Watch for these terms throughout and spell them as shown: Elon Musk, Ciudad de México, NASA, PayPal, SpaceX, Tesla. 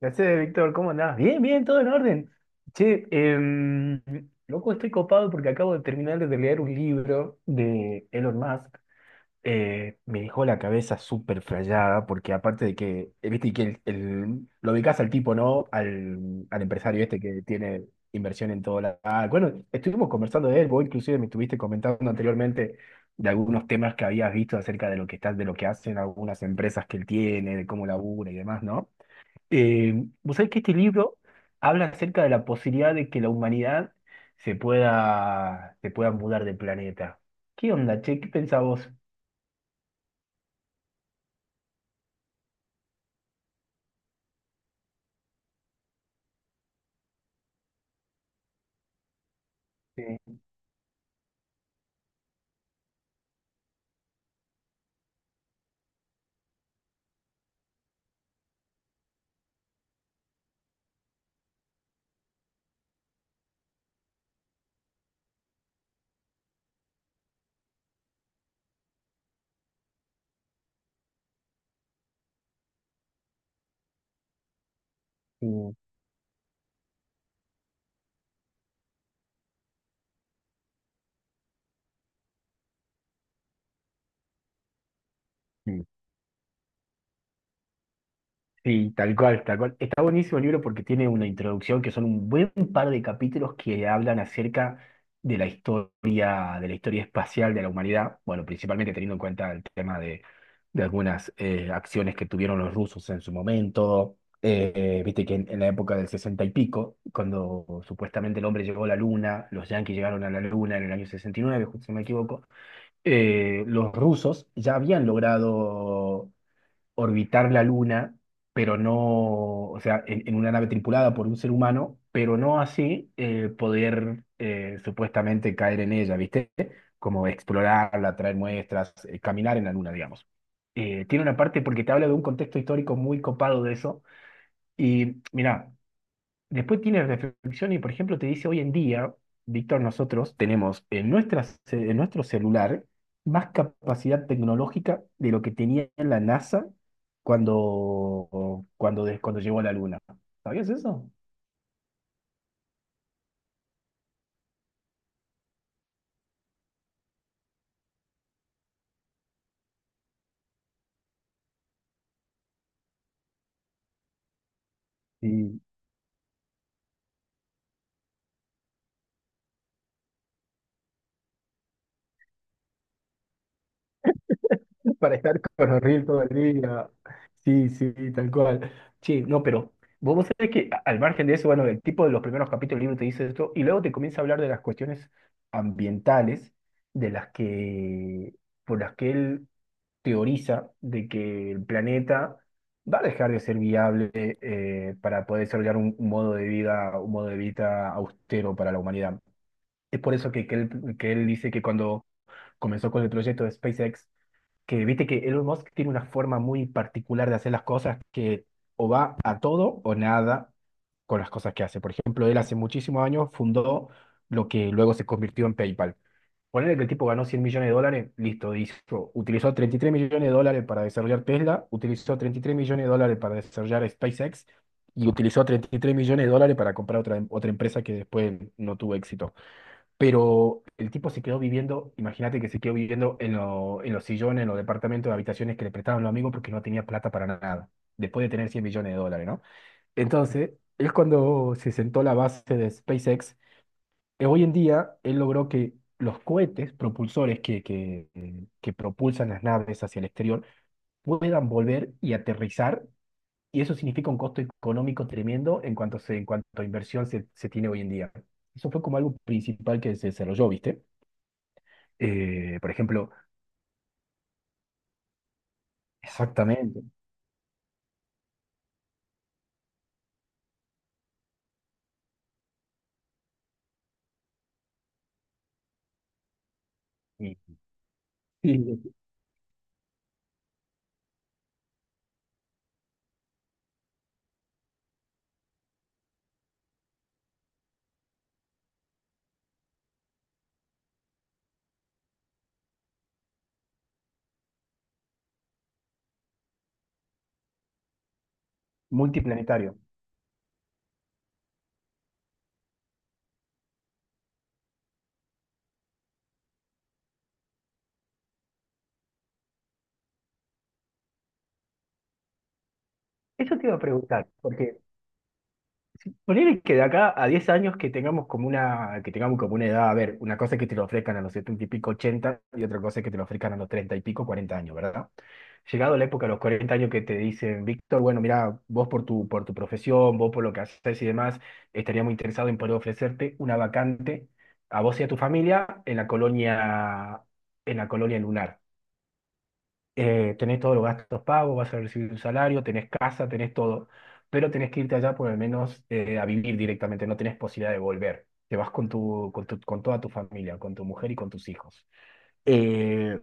¿Qué haces, Víctor? ¿Cómo andás? Bien, bien, todo en orden. Che, loco, estoy copado porque acabo de terminar de leer un libro de Elon Musk. Me dejó la cabeza súper frayada porque aparte de que, viste, que lo ubicás al tipo, ¿no? Al empresario este que tiene inversión en todo la. Ah, bueno, estuvimos conversando de él, vos inclusive me estuviste comentando anteriormente de algunos temas que habías visto acerca de lo que hacen algunas empresas que él tiene, de cómo labura y demás, ¿no? Eh, vos sabés que este libro habla acerca de la posibilidad de que la humanidad se pueda mudar de planeta. ¿Qué onda, che? ¿Qué pensás vos? Sí, sí, sí. Sí, tal cual, tal cual. Está buenísimo el libro porque tiene una introducción que son un buen par de capítulos que hablan acerca de la historia espacial de la humanidad. Bueno, principalmente teniendo en cuenta el tema de algunas acciones que tuvieron los rusos en su momento. Viste que en la época del sesenta y pico, cuando supuestamente el hombre llegó a la luna, los yanquis llegaron a la luna en el año 69, justo si no me equivoco, los rusos ya habían logrado orbitar la Luna, pero no, o sea, en una nave tripulada por un ser humano, pero no así poder supuestamente caer en ella, ¿viste? Como explorarla, traer muestras, caminar en la Luna, digamos. Tiene una parte porque te habla de un contexto histórico muy copado de eso. Y mira, después tiene reflexión y, por ejemplo, te dice hoy en día, Víctor, nosotros tenemos en nuestro celular más capacidad tecnológica de lo que tenía la NASA cuando llegó a la Luna. ¿Sabías eso? Sí. Para estar corriendo todo el día. Sí, sí, tal cual. Sí, no, pero vos sabés que al margen de eso, bueno, el tipo de los primeros capítulos del libro te dice esto, y luego te comienza a hablar de las cuestiones ambientales, de las que, por las que él teoriza de que el planeta va a dejar de ser viable, para poder desarrollar un modo de vida, un modo de vida austero para la humanidad. Es por eso que él dice que cuando comenzó con el proyecto de SpaceX, que viste que Elon Musk tiene una forma muy particular de hacer las cosas, que o va a todo o nada con las cosas que hace. Por ejemplo, él hace muchísimos años fundó lo que luego se convirtió en PayPal. Ponerle que el tipo ganó 100 millones de dólares, listo, hizo, utilizó 33 millones de dólares para desarrollar Tesla, utilizó 33 millones de dólares para desarrollar SpaceX y utilizó 33 millones de dólares para comprar otra empresa que después no tuvo éxito. Pero el tipo se quedó viviendo, imagínate que se quedó viviendo en los sillones, en los departamentos de habitaciones que le prestaban los amigos porque no tenía plata para nada, después de tener 100 millones de dólares, ¿no? Entonces, es cuando se sentó la base de SpaceX. Hoy en día, él logró que los cohetes propulsores que propulsan las naves hacia el exterior puedan volver y aterrizar, y eso significa un costo económico tremendo en cuanto a inversión se tiene hoy en día. Eso fue como algo principal que se desarrolló, ¿viste? Por ejemplo, exactamente. Y, y multiplanetario. Eso te iba a preguntar, porque ponele que de acá a 10 años que tengamos como una edad, a ver, una cosa es que te lo ofrezcan a los 70 y pico, 80, y otra cosa es que te lo ofrezcan a los 30 y pico, 40 años, ¿verdad? Llegado la época, a los 40 años que te dicen, Víctor, bueno, mira, vos por tu profesión, vos por lo que haces y demás, estaría muy interesado en poder ofrecerte una vacante a vos y a tu familia en la colonia lunar. Tenés todos los gastos pagos, vas a recibir un salario, tenés casa, tenés todo, pero tenés que irte allá por al menos a vivir directamente, no tenés posibilidad de volver. Te vas con toda tu familia, con tu mujer y con tus hijos. Eh,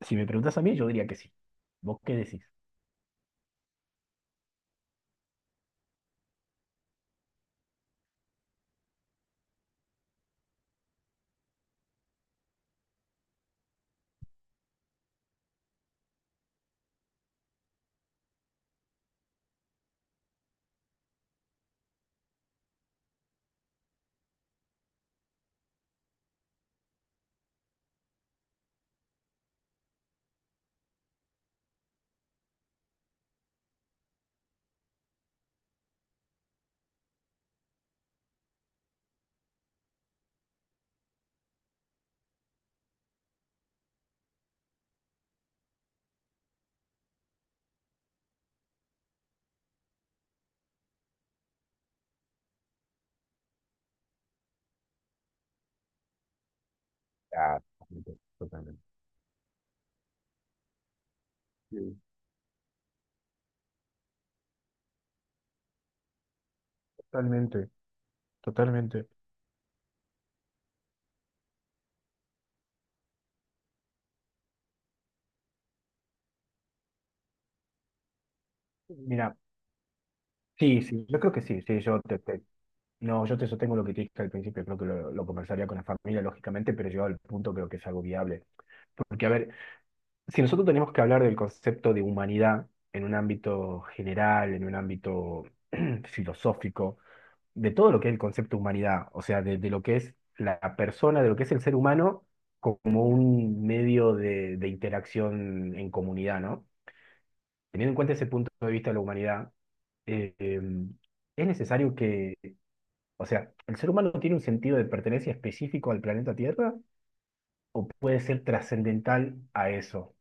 si me preguntas a mí, yo diría que sí. ¿Vos qué decís? Ah, totalmente. Totalmente. Sí. Totalmente, totalmente. Mira, sí, sí, yo creo que sí, sí, no, yo te sostengo lo que te dije al principio, creo que lo conversaría con la familia, lógicamente, pero llegado al punto creo que es algo viable. Porque, a ver, si nosotros tenemos que hablar del concepto de humanidad en un ámbito general, en un ámbito filosófico, de todo lo que es el concepto de humanidad, o sea, de lo que es la persona, de lo que es el ser humano como un medio de interacción en comunidad, ¿no? Teniendo en cuenta ese punto de vista de la humanidad, eh, em, es necesario que, o sea, ¿el ser humano tiene un sentido de pertenencia específico al planeta Tierra o puede ser trascendental a eso?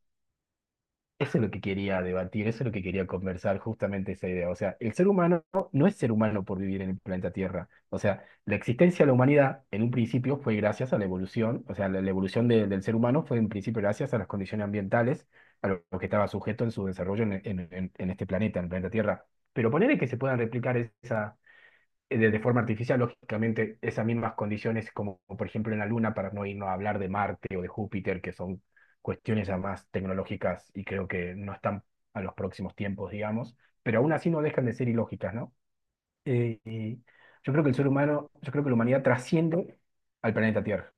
Eso es lo que quería debatir, eso es lo que quería conversar, justamente esa idea. O sea, el ser humano no es ser humano por vivir en el planeta Tierra. O sea, la existencia de la humanidad en un principio fue gracias a la evolución, o sea, la evolución del ser humano fue en principio gracias a las condiciones ambientales, a lo que estaba sujeto en su desarrollo en este planeta, en el planeta Tierra. Pero ponerle que se puedan replicar esa, de forma artificial, lógicamente, esas mismas condiciones, como por ejemplo en la Luna, para no irnos a hablar de Marte o de Júpiter, que son cuestiones ya más tecnológicas y creo que no están a los próximos tiempos, digamos, pero aún así no dejan de ser ilógicas, ¿no? Y yo creo que el ser humano, yo creo que la humanidad trasciende al planeta Tierra.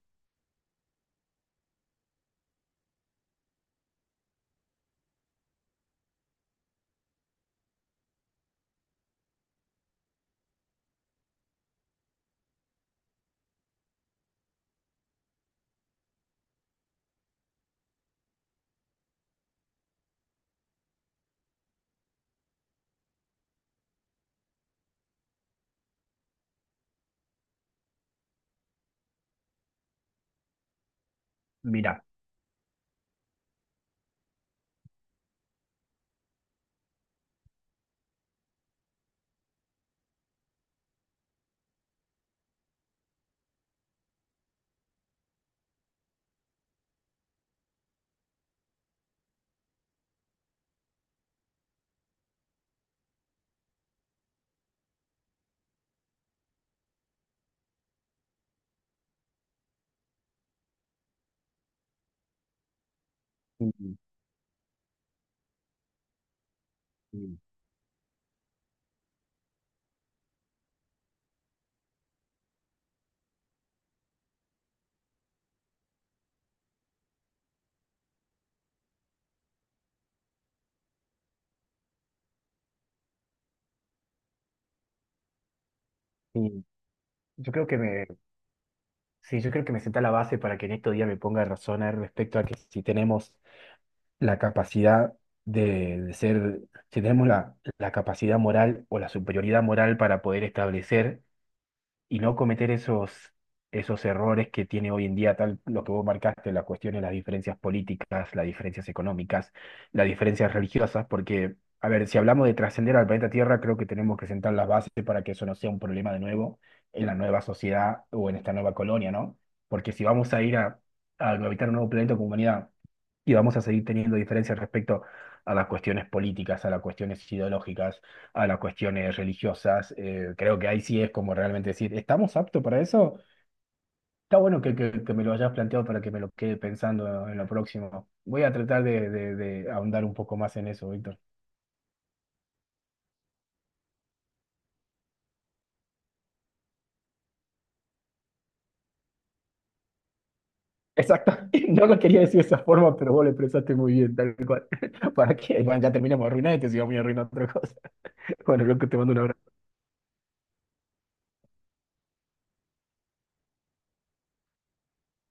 Mira, y- y- y yo creo que me, sí, yo creo que me senta la base para que en estos días me ponga a razonar respecto a que si tenemos la capacidad de, de ser, si tenemos la capacidad moral o la superioridad moral para poder establecer y no cometer esos errores que tiene hoy en día, tal lo que vos marcaste, la cuestión de las diferencias políticas, las diferencias económicas, las diferencias religiosas, porque, a ver, si hablamos de trascender al planeta Tierra, creo que tenemos que sentar las bases para que eso no sea un problema de nuevo en la nueva sociedad o en esta nueva colonia, ¿no? Porque si vamos a ir a habitar un nuevo planeta como humanidad y vamos a seguir teniendo diferencias respecto a las cuestiones políticas, a las cuestiones ideológicas, a las cuestiones religiosas. Creo que ahí sí es como realmente decir, ¿estamos aptos para eso? Está bueno que me lo hayas planteado para que me lo quede pensando en lo próximo. Voy a tratar de ahondar un poco más en eso, Víctor. Exacto, no lo quería decir de esa forma, pero vos lo expresaste muy bien, tal cual. ¿Para qué? Bueno, ya terminamos arruinado y te sigo muy arruinado otra cosa. Bueno, loco, te mando un abrazo.